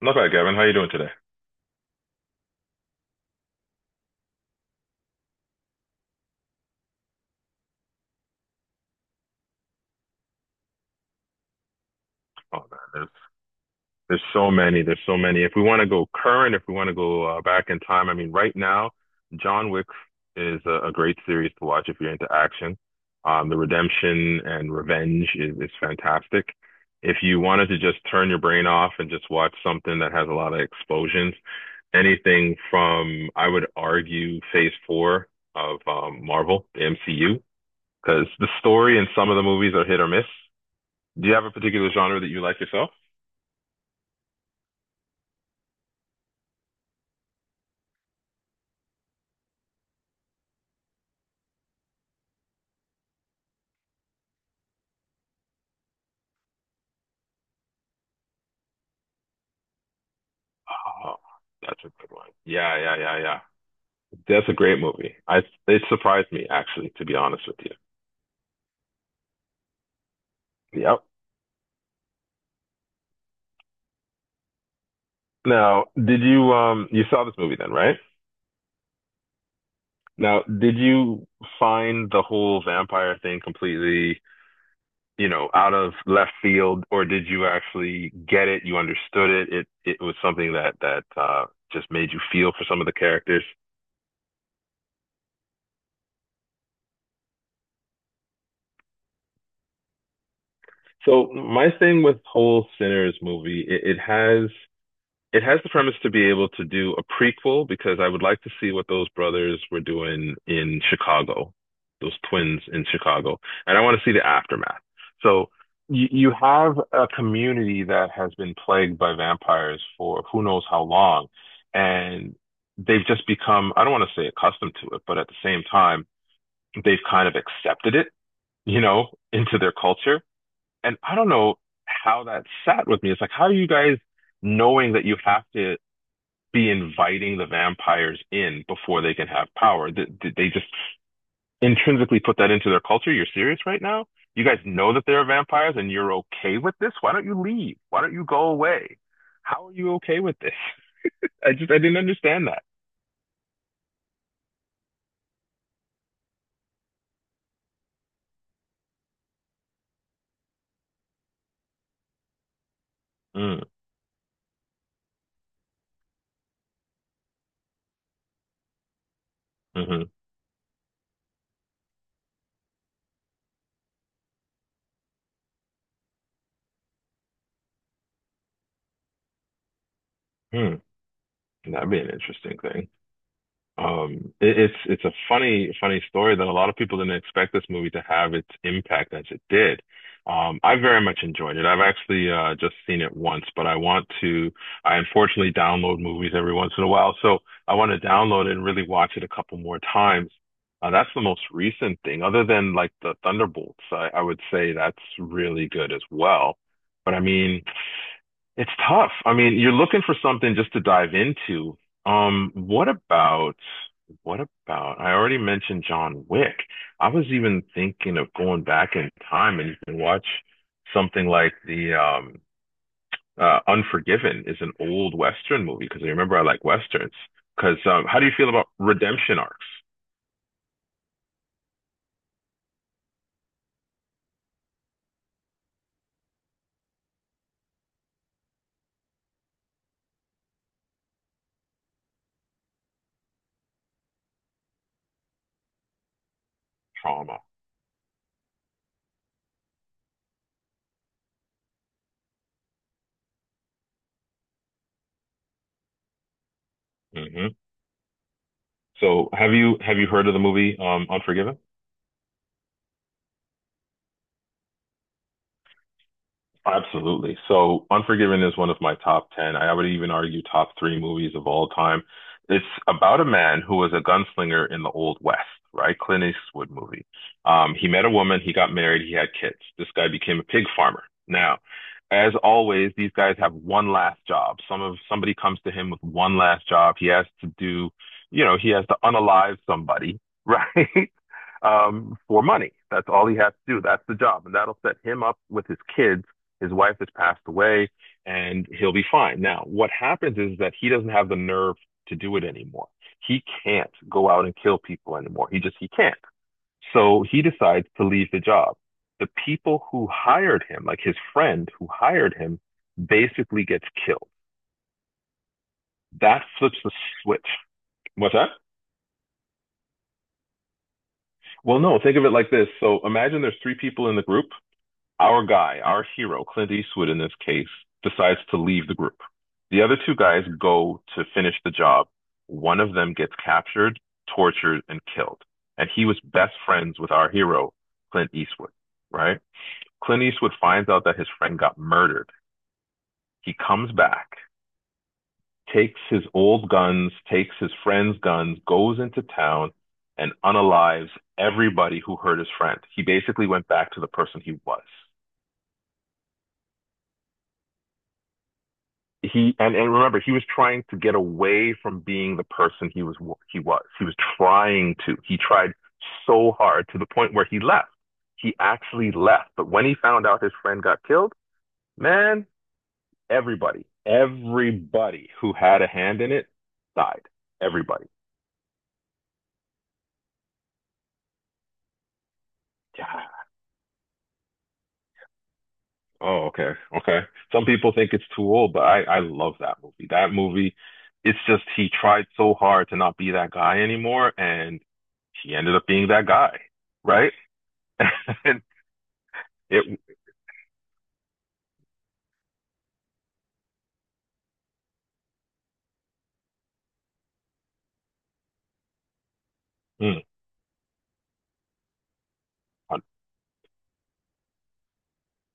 Not bad, Gavin. How you doing today? Oh man, there's so many. There's so many. If we want to go current, if we want to go back in time, I mean, right now, John Wick is a great series to watch if you're into action. The redemption and revenge is fantastic. If you wanted to just turn your brain off and just watch something that has a lot of explosions, anything from, I would argue, Phase Four of Marvel, the MCU, because the story in some of the movies are hit or miss. Do you have a particular genre that you like yourself? Oh, that's a good one. Yeah, yeah, yeah, yeah. That's a great movie. I it surprised me actually, to be honest with you. Yep. Now, did you you saw this movie then, right? Now, did you find the whole vampire thing completely, you know, out of left field, or did you actually get it? You understood it. It was something that that just made you feel for some of the characters. So my thing with whole Sinners movie, it has it has the premise to be able to do a prequel because I would like to see what those brothers were doing in Chicago, those twins in Chicago, and I want to see the aftermath. So you have a community that has been plagued by vampires for who knows how long, and they've just become, I don't want to say accustomed to it, but at the same time, they've kind of accepted it, you know, into their culture. And I don't know how that sat with me. It's like, how are you guys knowing that you have to be inviting the vampires in before they can have power. They just intrinsically put that into their culture. You're serious right now? You guys know that there are vampires and you're okay with this? Why don't you leave? Why don't you go away? How are you okay with this? I just I didn't understand that. Mm, hmm Hmm. That'd be an interesting thing. It's a funny story that a lot of people didn't expect this movie to have its impact as it did. I very much enjoyed it. I've actually just seen it once, but I want to. I unfortunately download movies every once in a while, so I want to download it and really watch it a couple more times. That's the most recent thing, other than like the Thunderbolts. I would say that's really good as well. But I mean. It's tough. I mean, you're looking for something just to dive into. Um, what about what about I already mentioned John Wick. I was even thinking of going back in time and you can watch something like the Unforgiven is an old Western movie because I remember I like Westerns. Because how do you feel about redemption arcs? Trauma. hmm So have you heard of the movie Unforgiven? Absolutely. So, Unforgiven is one of my top 10. I would even argue top three movies of all time. It's about a man who was a gunslinger in the Old West, right? Clint Eastwood movie. He met a woman, he got married, he had kids. This guy became a pig farmer. Now, as always, these guys have one last job. Somebody comes to him with one last job. He has to do, you know, he has to unalive somebody, right? For money. That's all he has to do. That's the job. And that'll set him up with his kids. His wife has passed away and he'll be fine. Now, what happens is that he doesn't have the nerve to do it anymore. He can't go out and kill people anymore. He can't. So he decides to leave the job. The people who hired him, like his friend who hired him, basically gets killed. That flips the switch. What's that? Well, no, think of it like this. So imagine there's three people in the group. Our guy, our hero, Clint Eastwood in this case, decides to leave the group. The other two guys go to finish the job. One of them gets captured, tortured, and killed. And he was best friends with our hero, Clint Eastwood, right? Clint Eastwood finds out that his friend got murdered. He comes back, takes his old guns, takes his friend's guns, goes into town and unalives everybody who hurt his friend. He basically went back to the person he was. He and remember he was trying to get away from being the person he was. He was trying to he tried so hard to the point where he left. He actually left, but when he found out his friend got killed, man, everybody who had a hand in it died. Everybody. Yeah. Oh, okay. Okay. Some people think it's too old, but I love that movie. That movie, it's just he tried so hard to not be that guy anymore, and he ended up being that guy, right? And it mm,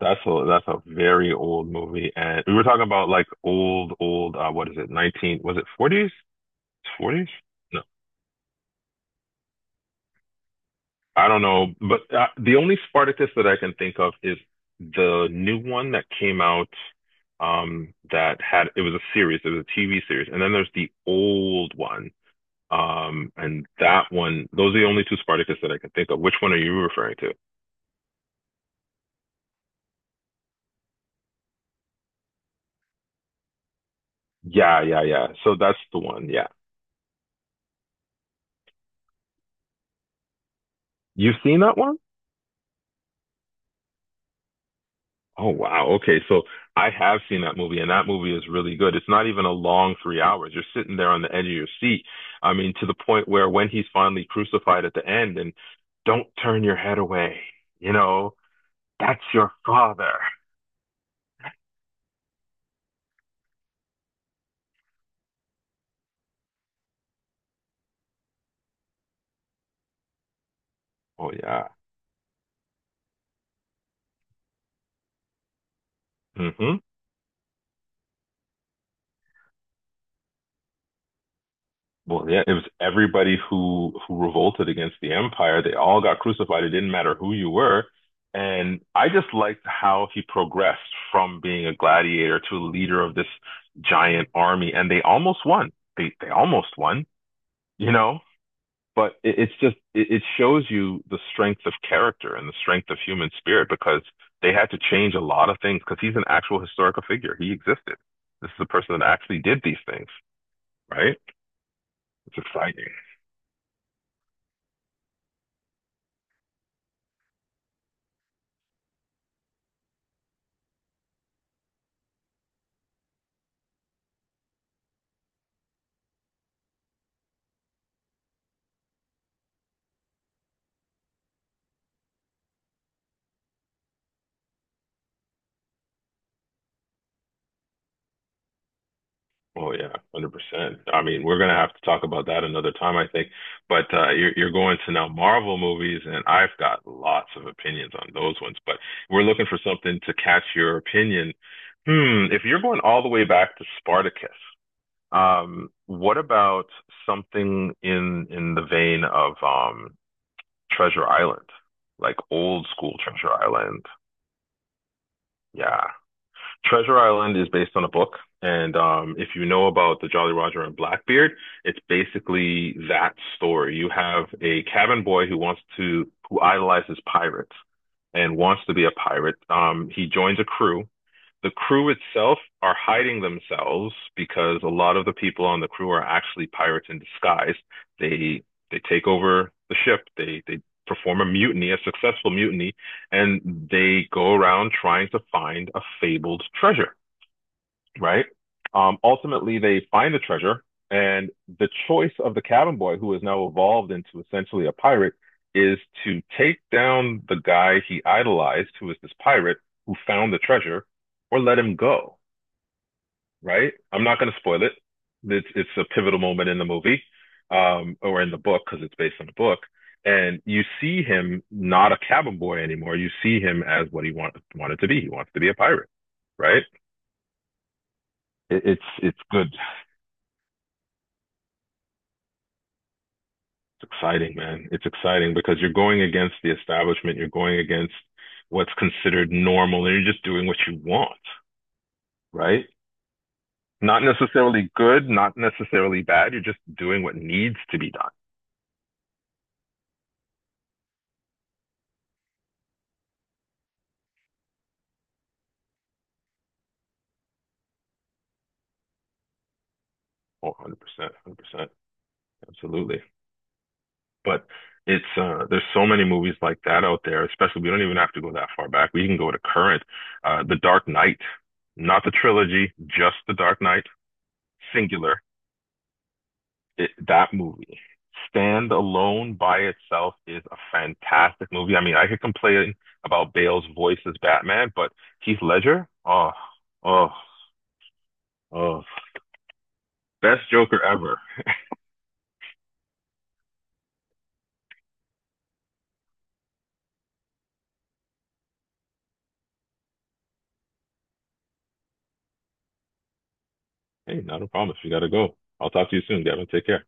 that's a very old movie, and we were talking about like old old what is it? 19 was it 40's? 40's? I don't know, but the only Spartacus that I can think of is the new one that came out that had it was a series, it was a TV series, and then there's the old one. And that one, those are the only two Spartacus that I can think of. Which one are you referring to? Yeah, yeah, yeah. So that's the one. Yeah. You've seen that one? Oh wow. Okay. So I have seen that movie and that movie is really good. It's not even a long 3 hours. You're sitting there on the edge of your seat. I mean, to the point where when he's finally crucified at the end and don't turn your head away, you know, that's your father. Oh yeah. hmm Well, yeah, it was everybody who revolted against the empire. They all got crucified. It didn't matter who you were. And I just liked how he progressed from being a gladiator to a leader of this giant army. And they almost won. They almost won, you know? But it, it's just it, it shows you the strength of character and the strength of human spirit because they had to change a lot of things because he's an actual historical figure. He existed. This is a person that actually did these things, right? It's exciting. Oh yeah, 100%. I mean, we're gonna have to talk about that another time, I think. But you're going to now Marvel movies, and I've got lots of opinions on those ones. But we're looking for something to catch your opinion. Hmm, if you're going all the way back to Spartacus, what about something in the vein of Treasure Island, like old school Treasure Island? Yeah. Treasure Island is based on a book, and if you know about the Jolly Roger and Blackbeard, it's basically that story. You have a cabin boy who idolizes pirates and wants to be a pirate. He joins a crew. The crew itself are hiding themselves because a lot of the people on the crew are actually pirates in disguise. They they take over the ship. They perform a mutiny, a successful mutiny, and they go around trying to find a fabled treasure, right? Ultimately, they find the treasure, and the choice of the cabin boy, who has now evolved into essentially a pirate, is to take down the guy he idolized, who is this pirate who found the treasure, or let him go, right? I'm not going to spoil it. It's a pivotal moment in the movie, or in the book, because it's based on the book. And you see him not a cabin boy anymore. You see him as what wanted to be. He wants to be a pirate, right? It's good. It's exciting, man. It's exciting because you're going against the establishment, you're going against what's considered normal, and you're just doing what you want, right? Not necessarily good, not necessarily bad. You're just doing what needs to be done. Oh, 100%, 100%. Absolutely. But it's there's so many movies like that out there, especially we don't even have to go that far back. We can go to current. The Dark Knight, not the trilogy, just The Dark Knight, singular. That movie, stand alone by itself, is a fantastic movie. I mean, I could complain about Bale's voice as Batman, but Heath Ledger, oh, oh, oh, best Joker ever. Hey, not a problem if you gotta go. I'll talk to you soon, Gavin. Take care.